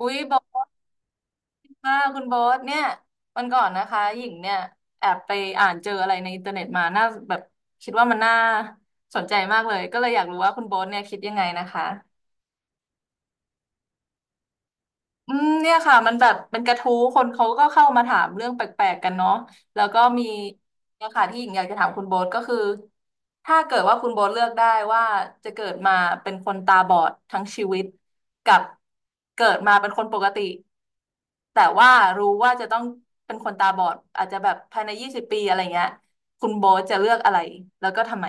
อุ้ยบอสค่ะคุณบอสเนี่ยวันก่อนนะคะหญิงเนี่ยแอบไปอ่านเจออะไรในอินเทอร์เน็ตมาน่าแบบคิดว่ามันน่าสนใจมากเลยก็เลยอยากรู้ว่าคุณบอสเนี่ยคิดยังไงนะคะ อืมเนี่ยค่ะมันแบบเป็นกระทู้คนเขาก็เข้ามาถามเรื่องแปลกๆกันเนาะแล้วก็มีเนี่ยค่ะที่หญิงอยากจะถามคุณโบ๊ทก็คือถ้าเกิดว่าคุณโบ๊ทเลือกได้ว่าจะเกิดมาเป็นคนตาบอดทั้งชีวิตกับเกิดมาเป็นคนปกติแต่ว่ารู้ว่าจะต้องเป็นคนตาบอดอาจจะแบบภายใน20 ปีอะไรเงี้ยคุณโบ๊ทจะเลือกอะไรแล้วก็ทำไม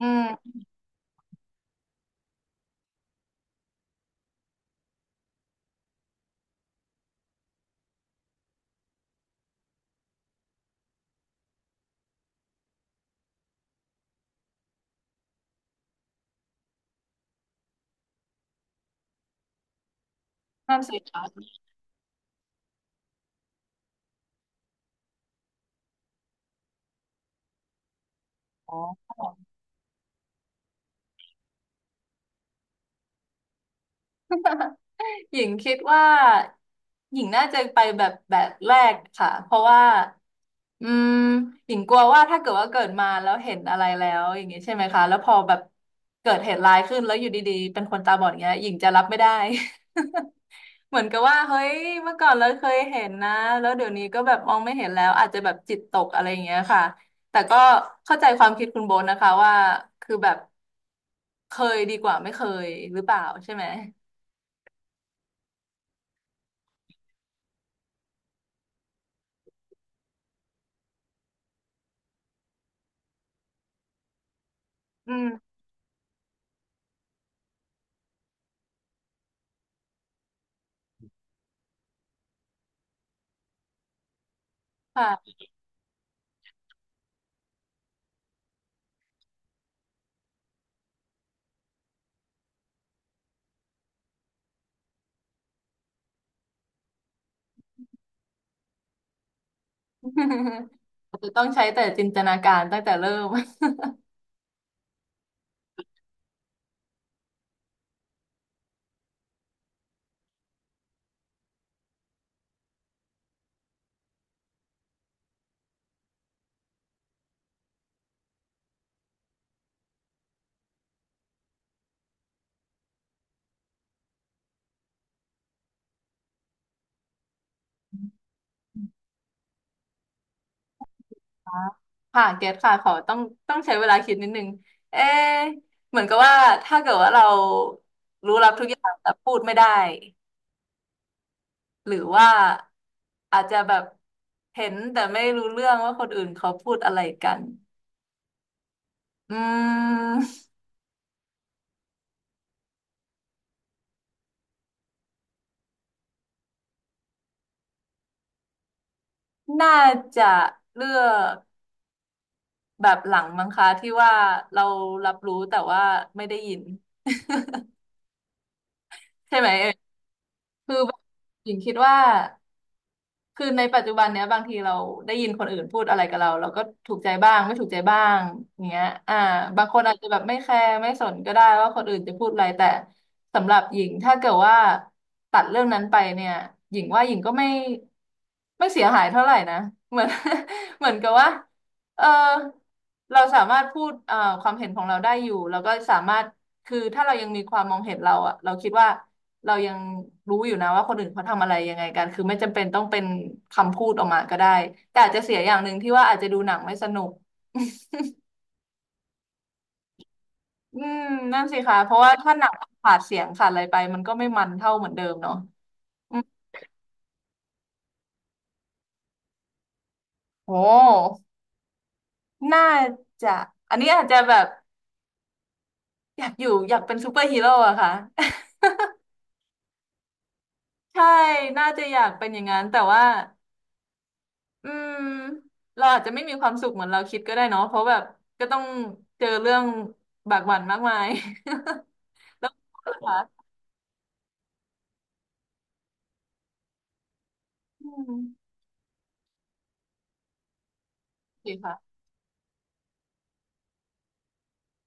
อืมนั่นสิคะอ๋อ หญิงคิดว่าหญิงน่าจะไปแบบแบบแรกค่ะเพราะว่าอืมหญิงกลัวว่าถ้าเกิดว่าเกิดมาแล้วเห็นอะไรแล้วอย่างงี้ใช่ไหมคะแล้วพอแบบเกิดเหตุร้ายขึ้นแล้วอยู่ดีๆเป็นคนตาบอดอย่างเงี้ยหญิงจะรับไม่ได้ เหมือนกับว่าเฮ้ยเมื่อก่อนเราเคยเห็นนะแล้วเดี๋ยวนี้ก็แบบมองไม่เห็นแล้วอาจจะแบบจิตตกอะไรอย่างเงี้ยค่ะแต่ก็เข้าใจความคิดคุณโบนนะคะว่าคือแบบเคยดีกว่าไม่เคยหรือเปล่าใช่ไหมอืมค่ะ อาจจะต้องใช้แต่จินตนาการตั้งแต่เริ่ม ค่ะเกตค่ะขอต้องใช้เวลาคิดนิดนึงเอ๊ะเหมือนกับว่าถ้าเกิดว่าเรารู้รับทุกอย่างแต่พูดไม่ได้หรือว่าอาจจะแบบเห็นแต่ไม่รู้เรื่องว่าคนอื่นเขาพูดอะไรกันอืมน่าจะเลือกแบบหลังมั้งคะที่ว่าเรารับรู้แต่ว่าไม่ได้ยิน ใช่ไหมเอ่ยคือแบบหญิงคิดว่า คือในปัจจุบันเนี้ยบางทีเราได้ยินคนอื่นพูดอะไรกับเราเราก็ถูกใจบ้างไม่ถูกใจบ้างอย่างเงี้ยบางคนอาจจะแบบไม่แคร์ไม่สนก็ได้ว่าคนอื่นจะพูดอะไรแต่สำหรับหญิงถ้าเกิดว่าตัดเรื่องนั้นไปเนี่ยหญิงว่าหญิงก็ไม่เสียหายเท่าไหร่นะเหมือน เหมือนกับว่าเออเราสามารถพูดความเห็นของเราได้อยู่แล้วก็สามารถคือถ้าเรายังมีความมองเห็นเราอะเราคิดว่า เรายังรู้อยู่นะว่าคนอื่นเขาทำอะไรยังไงกัน คือไม่จำเป็นต้องเป็นคำพูดออกมาก็ได้ แต่อาจจะเสียอย่างหนึ่งที่ว่าอาจจะดูหนังไม่สนุกอืมนั่นสิคะเพราะว่าถ้าหนังขาดเสียงขาดอะไรไปมันก็ไม่มันเท่าเหมือนเดิมเนาะอืมโอ้น่าจะอันนี้อาจจะแบบอยากอยู่อยากเป็นซูเปอร์ฮีโร่อะค่ะ ใช่ น่าจะอยากเป็นอย่างนั้น แต่ว่าอืมเราอาจจะไม่มีความสุขเหมือนเราคิดก็ได้เนาะเพราะแบบก็ต้องเจอเรื่องบากบั่นมากมาย แล้วก็ค่ะอืมดีค่ะ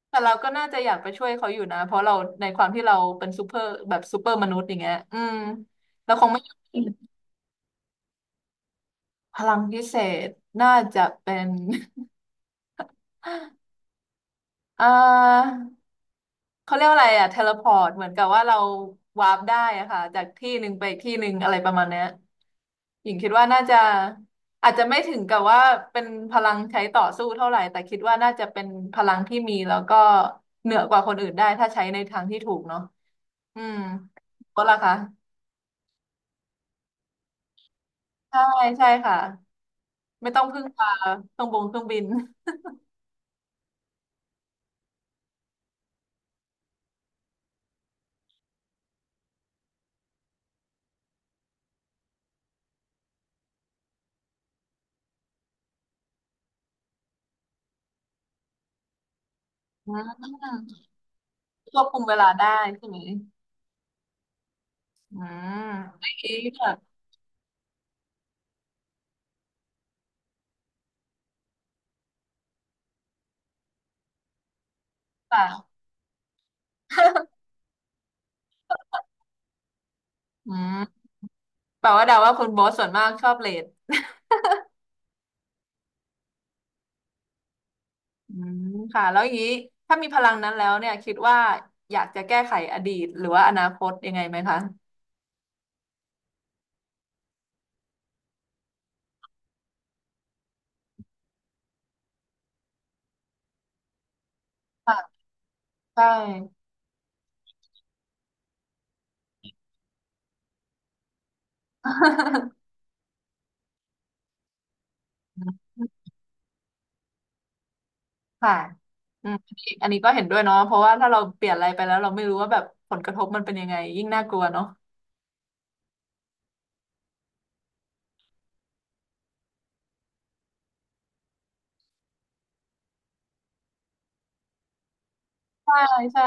แต่เราก็น่าจะอยากไปช่วยเขาอยู่นะเพราะเราในความที่เราเป็นซูเปอร์แบบซูเปอร์มนุษย์อย่างเงี้ยอืมเราคงไม่ยอมพลังพิเศษน่าจะเป็น อ่าเขาเรียกว่าอะไรอะเทเลพอร์ตเหมือนกับว่าเราวาร์ปได้อะค่ะจากที่หนึ่งไปอีกที่หนึ่งอะไรประมาณเนี้ยหญิงคิดว่าน่าจะอาจจะไม่ถึงกับว่าเป็นพลังใช้ต่อสู้เท่าไหร่ แต่คิดว่าน่าจะเป็นพลังที่มีแล้วก็เหนือกว่าคนอื่นได้ถ้าใช้ในทางที่ถูกเนาะ อืมก็ล่ะคะใช่ใช่ค่ะไม่ต้องพึ่งพาเครื่องบินอืมควบคุมเวลาได้ใช่ไหมอืมไอ้แบบค่ะอืมแปลว่าเดาว่าคุณโบสส่วนมากชอบเลทอืมค่ะแล้วอย่างนี้ถ้ามีพลังนั้นแล้วเนี่ยคิดว่าอยากจะแก้ไขอดีตหรือว่าอนาคตยังไงไหมคะค่ะใช่ ค่ะอืมอันนี้ก็เห็นด้วยเนาะเพราะว่าถ้าเราเปลี่ยนอะไรไปแล้วเราไม่รู้ว่าแบบผลกระทบมันเป็นยังไงยิ่งน่ากลัวเนาะ ใช่ใช่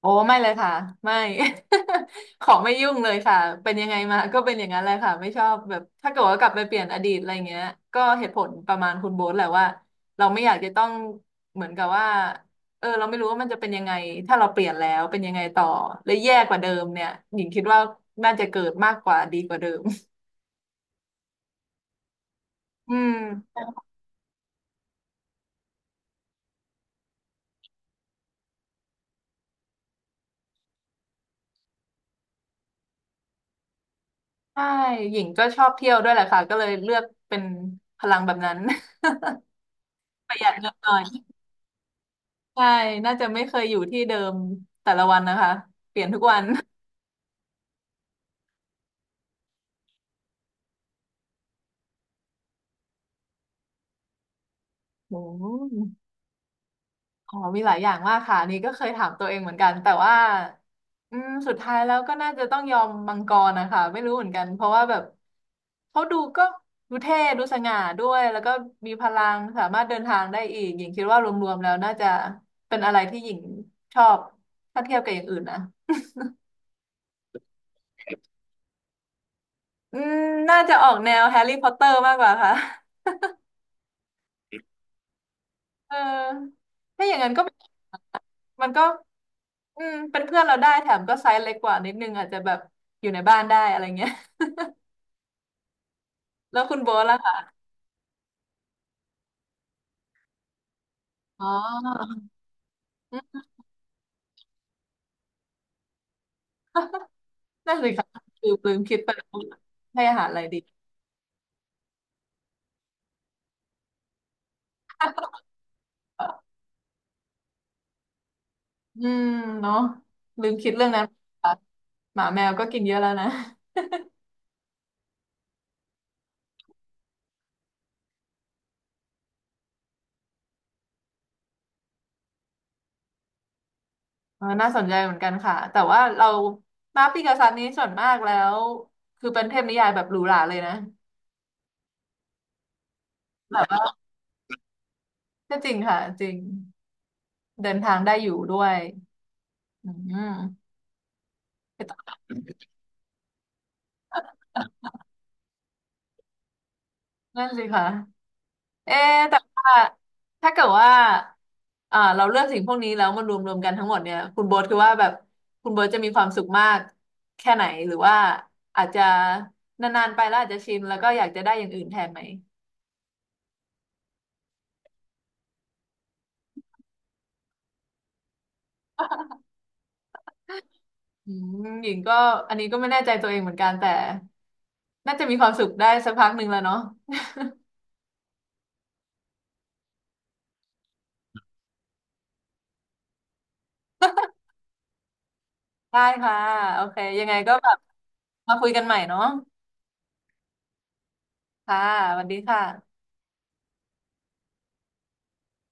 โอ้ไม่เลยค่ะไม่ ขอไม่ยุ่งเลยค่ะเป็นยังไงมาก็เป็นอย่างนั้นแหละค่ะไม่ชอบแบบถ้าเกิดว่ากลับไปเปลี่ยนอดีตอะไรเงี้ยก็เหตุผลประมาณคุณโบ๊ทแหละว่าเราไม่อยากจะต้องเหมือนกับว่าเออเราไม่รู้ว่ามันจะเป็นยังไงถ้าเราเปลี่ยนแล้วเป็นยังไงต่อและแย่กว่าเดิมเนี่ยหญิงคิดว่าน่าจะเกิดมากกว่าดีกว่าเดิม อืมใช่หญิงก็ชอบเที่ยวด้วยแหละค่ะก็เลยเลือกเป็นพลังแบบนั้น ประหยัดเงินหน่อย ใช่น่าจะไม่เคยอยู่ที่เดิมแต่ละวันนะคะโอ้อ๋อมีหลายอย่างมากค่ะอันนี่ก็เคยถามตัวเองเหมือนกันแต่ว่าสุดท้ายแล้วก็น่าจะต้องยอมมังกรนะคะไม่รู้เหมือนกันเพราะว่าแบบเขาดูก็ดูเท่ดูสง่าด้วยแล้วก็มีพลังสามารถเดินทางได้อีกหญิงคิดว่ารวมๆแล้วน่าจะเป็นอะไรที่หญิงชอบถ้าเทียบกับอย่างอื่นนะอืมน่าจะออกแนวแฮร์รี่พอตเตอร์มากกว่าค่ะ เออถ้าอย่างนั้นก็เป็นมันก็เป็นเพื่อนเราได้แถมก็ไซส์เล็กกว่านิดนึงอาจจะแบบอยู่ในบ้านได้อะไรเงี้ย แล้วคุณโบ๊ทล่ะคะอ๋ออืมนั่นสิคะคือลืมคิดไปแล้วให้อาหารอะไรดี อืมเนาะลืมคิดเรื่องนั้นค่ะหมาแมวก็กินเยอะแล้วนะ เออน่าสนใจเหมือนกันค่ะแต่ว่าเรามาปีกาซันนี้ส่วนมากแล้วคือเป็นเทพนิยายแบบหรูหราเลยนะแบบว่าก็จริงค่ะจริงเดินทางได้อยู่ด้วย อืมไปต่อนั่นสิคะเอ๊ะแต่ว่าถ้าเกิดว่าเราเลือกสิ่งพวกนี้แล้วมันรวมกันทั้งหมดเนี่ยคุณโบ๊ทคือว่าแบบคุณโบ๊ทจะมีความสุขมากแค่ไหนหรือว่าอาจจะนานๆไปแล้วอาจจะชินแล้วก็อยากจะได้อย่างอื่นแทนไหมอืหญิงก็อันนี้ก็ไม่แน่ใจตัวเองเหมือนกันแต่น่าจะมีความสุขได้สักพักหนึ่งแล้วเนาะได้ค่ะโอเคยังไงก็แบบมาคุยกันใหม่เนาะค่ะสวัสดีค่ะ